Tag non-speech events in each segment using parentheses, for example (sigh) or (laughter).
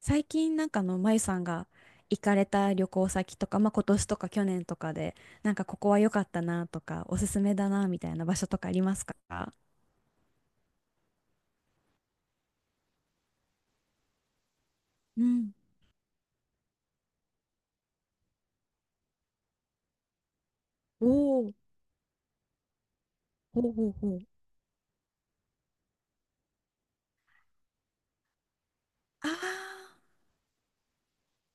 最近なんかまゆさんが行かれた旅行先とか、まあ、今年とか去年とかで、なんかここは良かったなとか、おすすめだなみたいな場所とかありますか？うん。おお、ほうほうほう。ああ、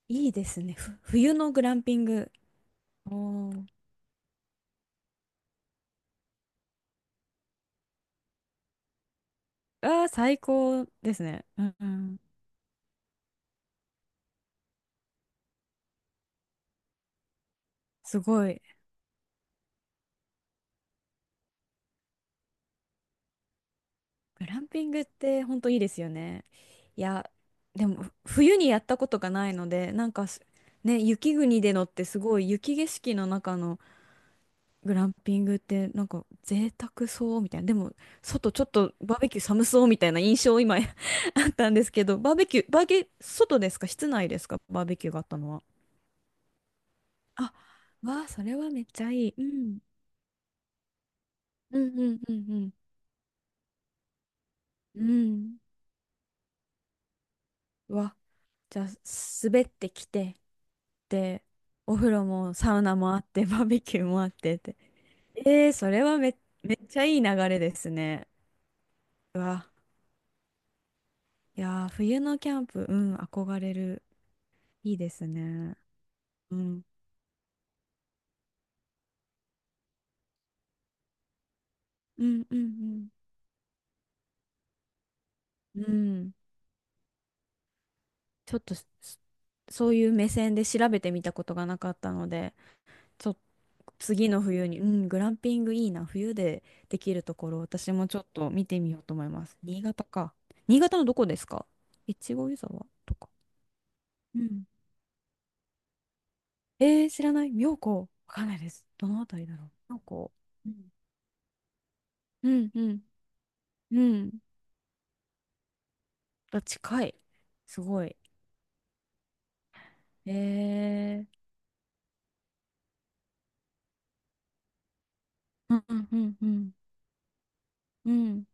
いいですね。冬のグランピング。おー。ああ、最高ですね。うんうん。すごい。グランピングって本当いいですよね。いや、でも冬にやったことがないので、なんかね、雪国でのってすごい雪景色の中のグランピングってなんか贅沢そうみたいな。でも、外ちょっとバーベキュー寒そうみたいな印象今 (laughs) あったんですけど、バーベキュー、バーゲ、外ですか、室内ですか、バーベキューがあったのは？あ、わあ、それはめっちゃいい。うん。うんうんうんうん。うん。わ。じゃあ、滑ってきて、で、お風呂もサウナもあって、(laughs) バーベキューもあってって。えー、それはめっちゃいい流れですね。うわ。いやー、冬のキャンプ、うん、憧れる。いいですね。うん。うんうんうん。うん。ちょっとそういう目線で調べてみたことがなかったので、ちょっと次の冬に、うん、グランピングいいな。冬でできるところ、私もちょっと見てみようと思います。新潟か。新潟のどこですか？越後湯沢とか。うん。えー、知らない。妙高。わかんないです。どのあたりだろう。妙高。うん。うんうんうん。あ、近い。すごい。えー。うんうんうんうん。うん。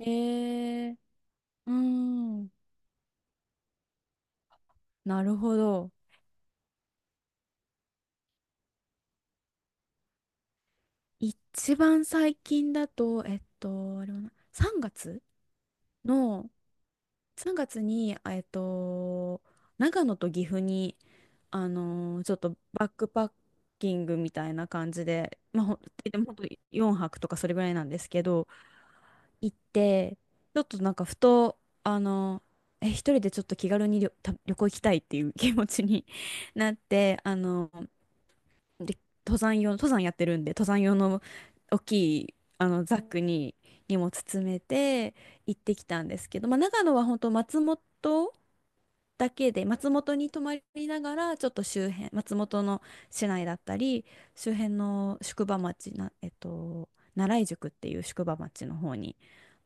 えー、うん。なるほど。一番最近だと、あれは3月の、3月に、長野と岐阜に、ちょっとバックパッキングみたいな感じで、まあ、でも本当4泊とかそれぐらいなんですけど、行って、ちょっとなんかふと、あのえ、一人でちょっと気軽に旅、旅行行きたいっていう気持ちに (laughs) なって、で登山やってるんで登山用の大きいザックに荷物詰めて行ってきたんですけど、まあ、長野は本当松本だけで松本に泊まりながらちょっと周辺、松本の市内だったり周辺の宿場町な、えっと、奈良井宿っていう宿場町の方に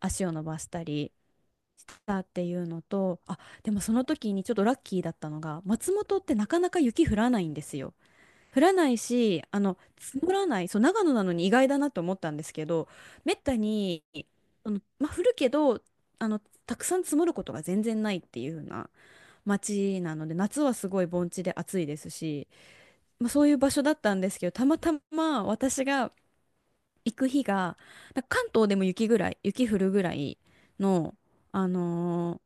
足を伸ばしたりしたっていうのとでも、その時にちょっとラッキーだったのが松本ってなかなか雪降らないんですよ。降らないし、積もらない、そう、長野なのに意外だなと思ったんですけど、めったに、まあ、降るけど、あの、たくさん積もることが全然ないっていう風な街なので、夏はすごい盆地で暑いですし、まあ、そういう場所だったんですけど、たまたま私が行く日が、なんか関東でも雪ぐらい、雪降るぐらいの、あのー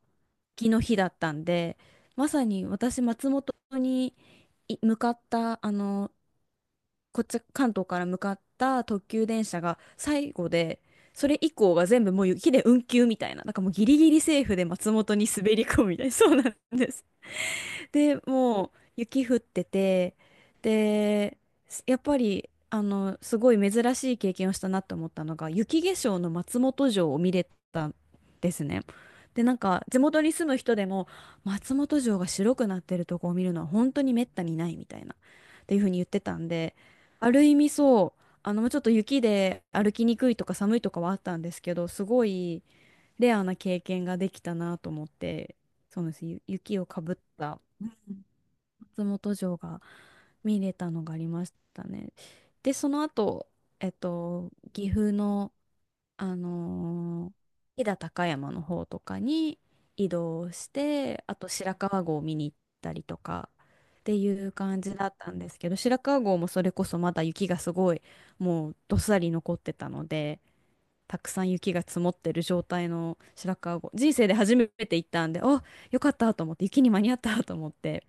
雪の日だったんで、まさに私、松本に向かった、こっち関東から向かった特急電車が最後で、それ以降が全部もう雪で運休みたいな、なんかもうギリギリセーフで松本に滑り込むみたいな、そうなんです。で、もう雪降ってて、で、やっぱり、すごい珍しい経験をしたなと思ったのが、雪化粧の松本城を見れたんですね。で、なんか、地元に住む人でも、松本城が白くなってるとこを見るのは本当に滅多にないみたいな、っていうふうに言ってたんで、ある意味そう、ちょっと雪で歩きにくいとか寒いとかはあったんですけど、すごいレアな経験ができたなと思って、そうなんです。雪をかぶった松本城が見れたのがありましたね。で、その後、岐阜の、あのー飛騨高山の方とかに移動して、あと白川郷を見に行ったりとかっていう感じだったんですけど、白川郷もそれこそまだ雪がすごい、もうどっさり残ってたので、たくさん雪が積もってる状態の白川郷、人生で初めて行ったんで、あ、よかったと思って、雪に間に合ったと思って、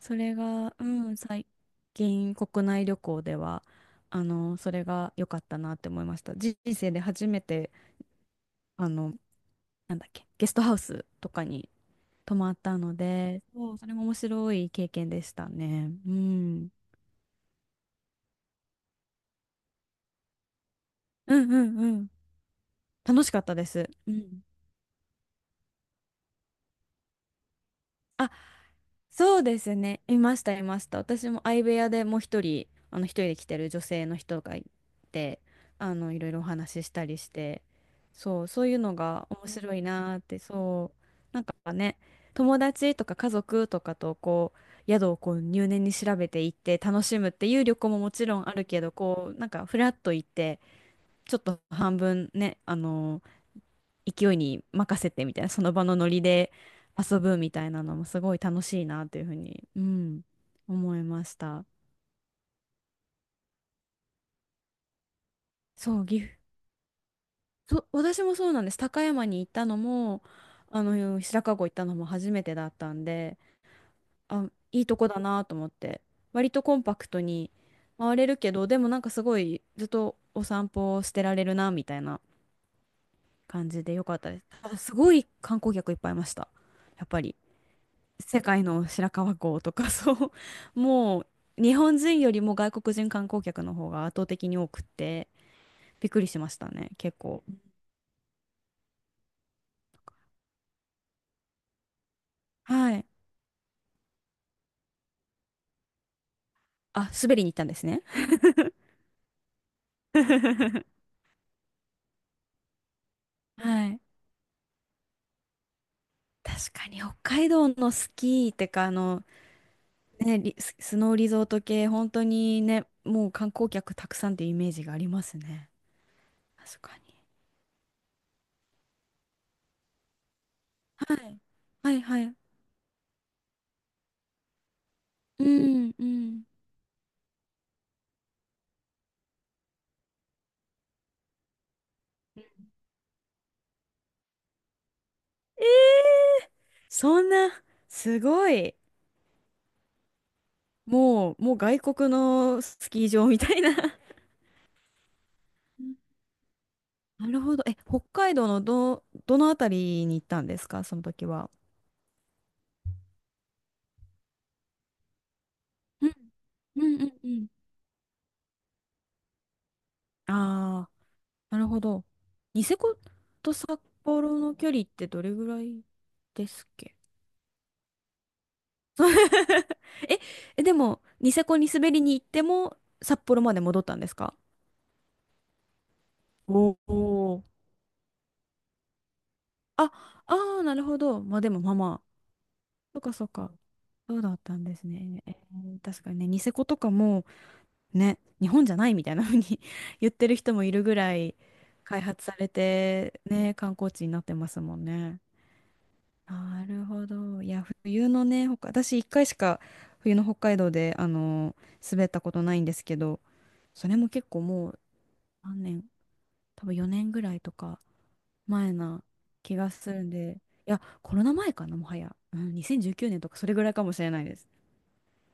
それが、うん、最近国内旅行では、それが良かったなって思いました。人生で初めて、あの、なんだっけ、ゲストハウスとかに泊まったので、そう、それも面白い経験でしたね。うん。うんうんうん。楽しかったです。うん。あ、そうですね。いました、いました。私も相部屋でもう一人、一人で来てる女性の人がいて、いろいろお話ししたりして、そう、そういうのが面白いなーって、そう、なんかね、友達とか家族とかとこう宿をこう入念に調べていって楽しむっていう旅行ももちろんあるけど、こうなんかフラッと行って、ちょっと半分ね、勢いに任せてみたいな、その場のノリで遊ぶみたいなのもすごい楽しいなっていうふうに、うん、思いました。そう、岐阜、そう私もそうなんです。高山に行ったのも、白川郷行ったのも初めてだったんで、あ、いいとこだなと思って、割とコンパクトに回れるけど、でもなんかすごいずっとお散歩をしてられるなみたいな感じでよかったです。ただすごい観光客いっぱいいました。やっぱり。世界の白川郷とか (laughs) そう、もう日本人よりも外国人観光客の方が圧倒的に多くってびっくりしましたね、結構。はい。あ、滑りに行ったんですね。 (laughs) はい。確かに北海道のスキーってかね、スノーリゾート系本当にね、もう観光客たくさんっていうイメージがありますね。確かに。はいはいはい。うんうん。そんな。すごい。もう外国のスキー場みたいな。 (laughs) なるほど。え、北海道のどのあたりに行ったんですか、その時は？うんうんうんうん。ああ、なるほど。ニセコと札幌の距離ってどれぐらいですっけ？ (laughs) え、でも、ニセコに滑りに行っても、札幌まで戻ったんですか？おおー。あ、ああ、なるほど。まあでも、まあまあ。そっかそっか。そうだったんですね。えー、確かにね、ニセコとかも、ね、日本じゃないみたいな風に (laughs) 言ってる人もいるぐらい開発されて、ね、観光地になってますもんね。なるほど。いや、冬のね、私一回しか冬の北海道で、滑ったことないんですけど、それも結構もう何年、多分4年ぐらいとか前な気がするんで、いや、コロナ前かな、もはや。うん、2019年とかそれぐらいかもしれないです。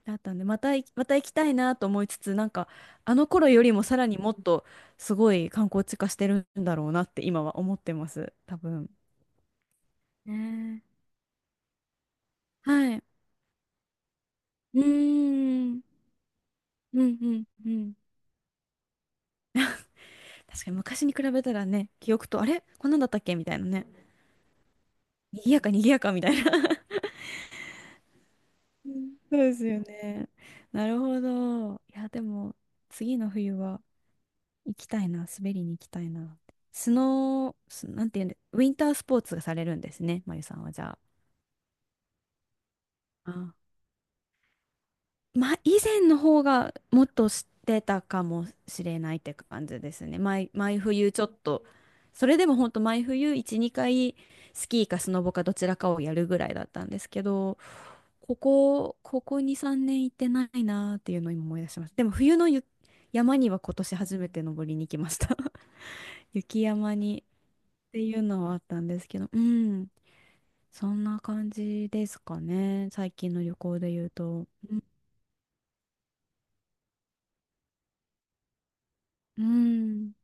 だったんで、またい、また行きたいなと思いつつ、なんか、あの頃よりもさらにもっとすごい観光地化してるんだろうなって今は思ってます、多分。ねえ。はい。うーん。うんうんうん。確かに昔に比べたらね、記憶と、あれこんなんだったっけみたいなね。賑やか賑やかみたいな。うん。 (laughs) そうですよね。なるほど。いや、でも、次の冬は、行きたいな、滑りに行きたいな。スノー、なんていうんで、ウィンタースポーツがされるんですね、まゆさんはじゃあ。あ、まあ、以前の方がもっと知ってたかもしれないって感じですね。毎冬ちょっと、それでも本当毎冬1、2回スキーかスノボかどちらかをやるぐらいだったんですけど、ここ2、3年行ってないなーっていうのを今思い出しました。でも冬の山には今年初めて登りに行きました。(laughs) 雪山にっていうのはあったんですけど、うん、そんな感じですかね。最近の旅行で言うと。うん。うん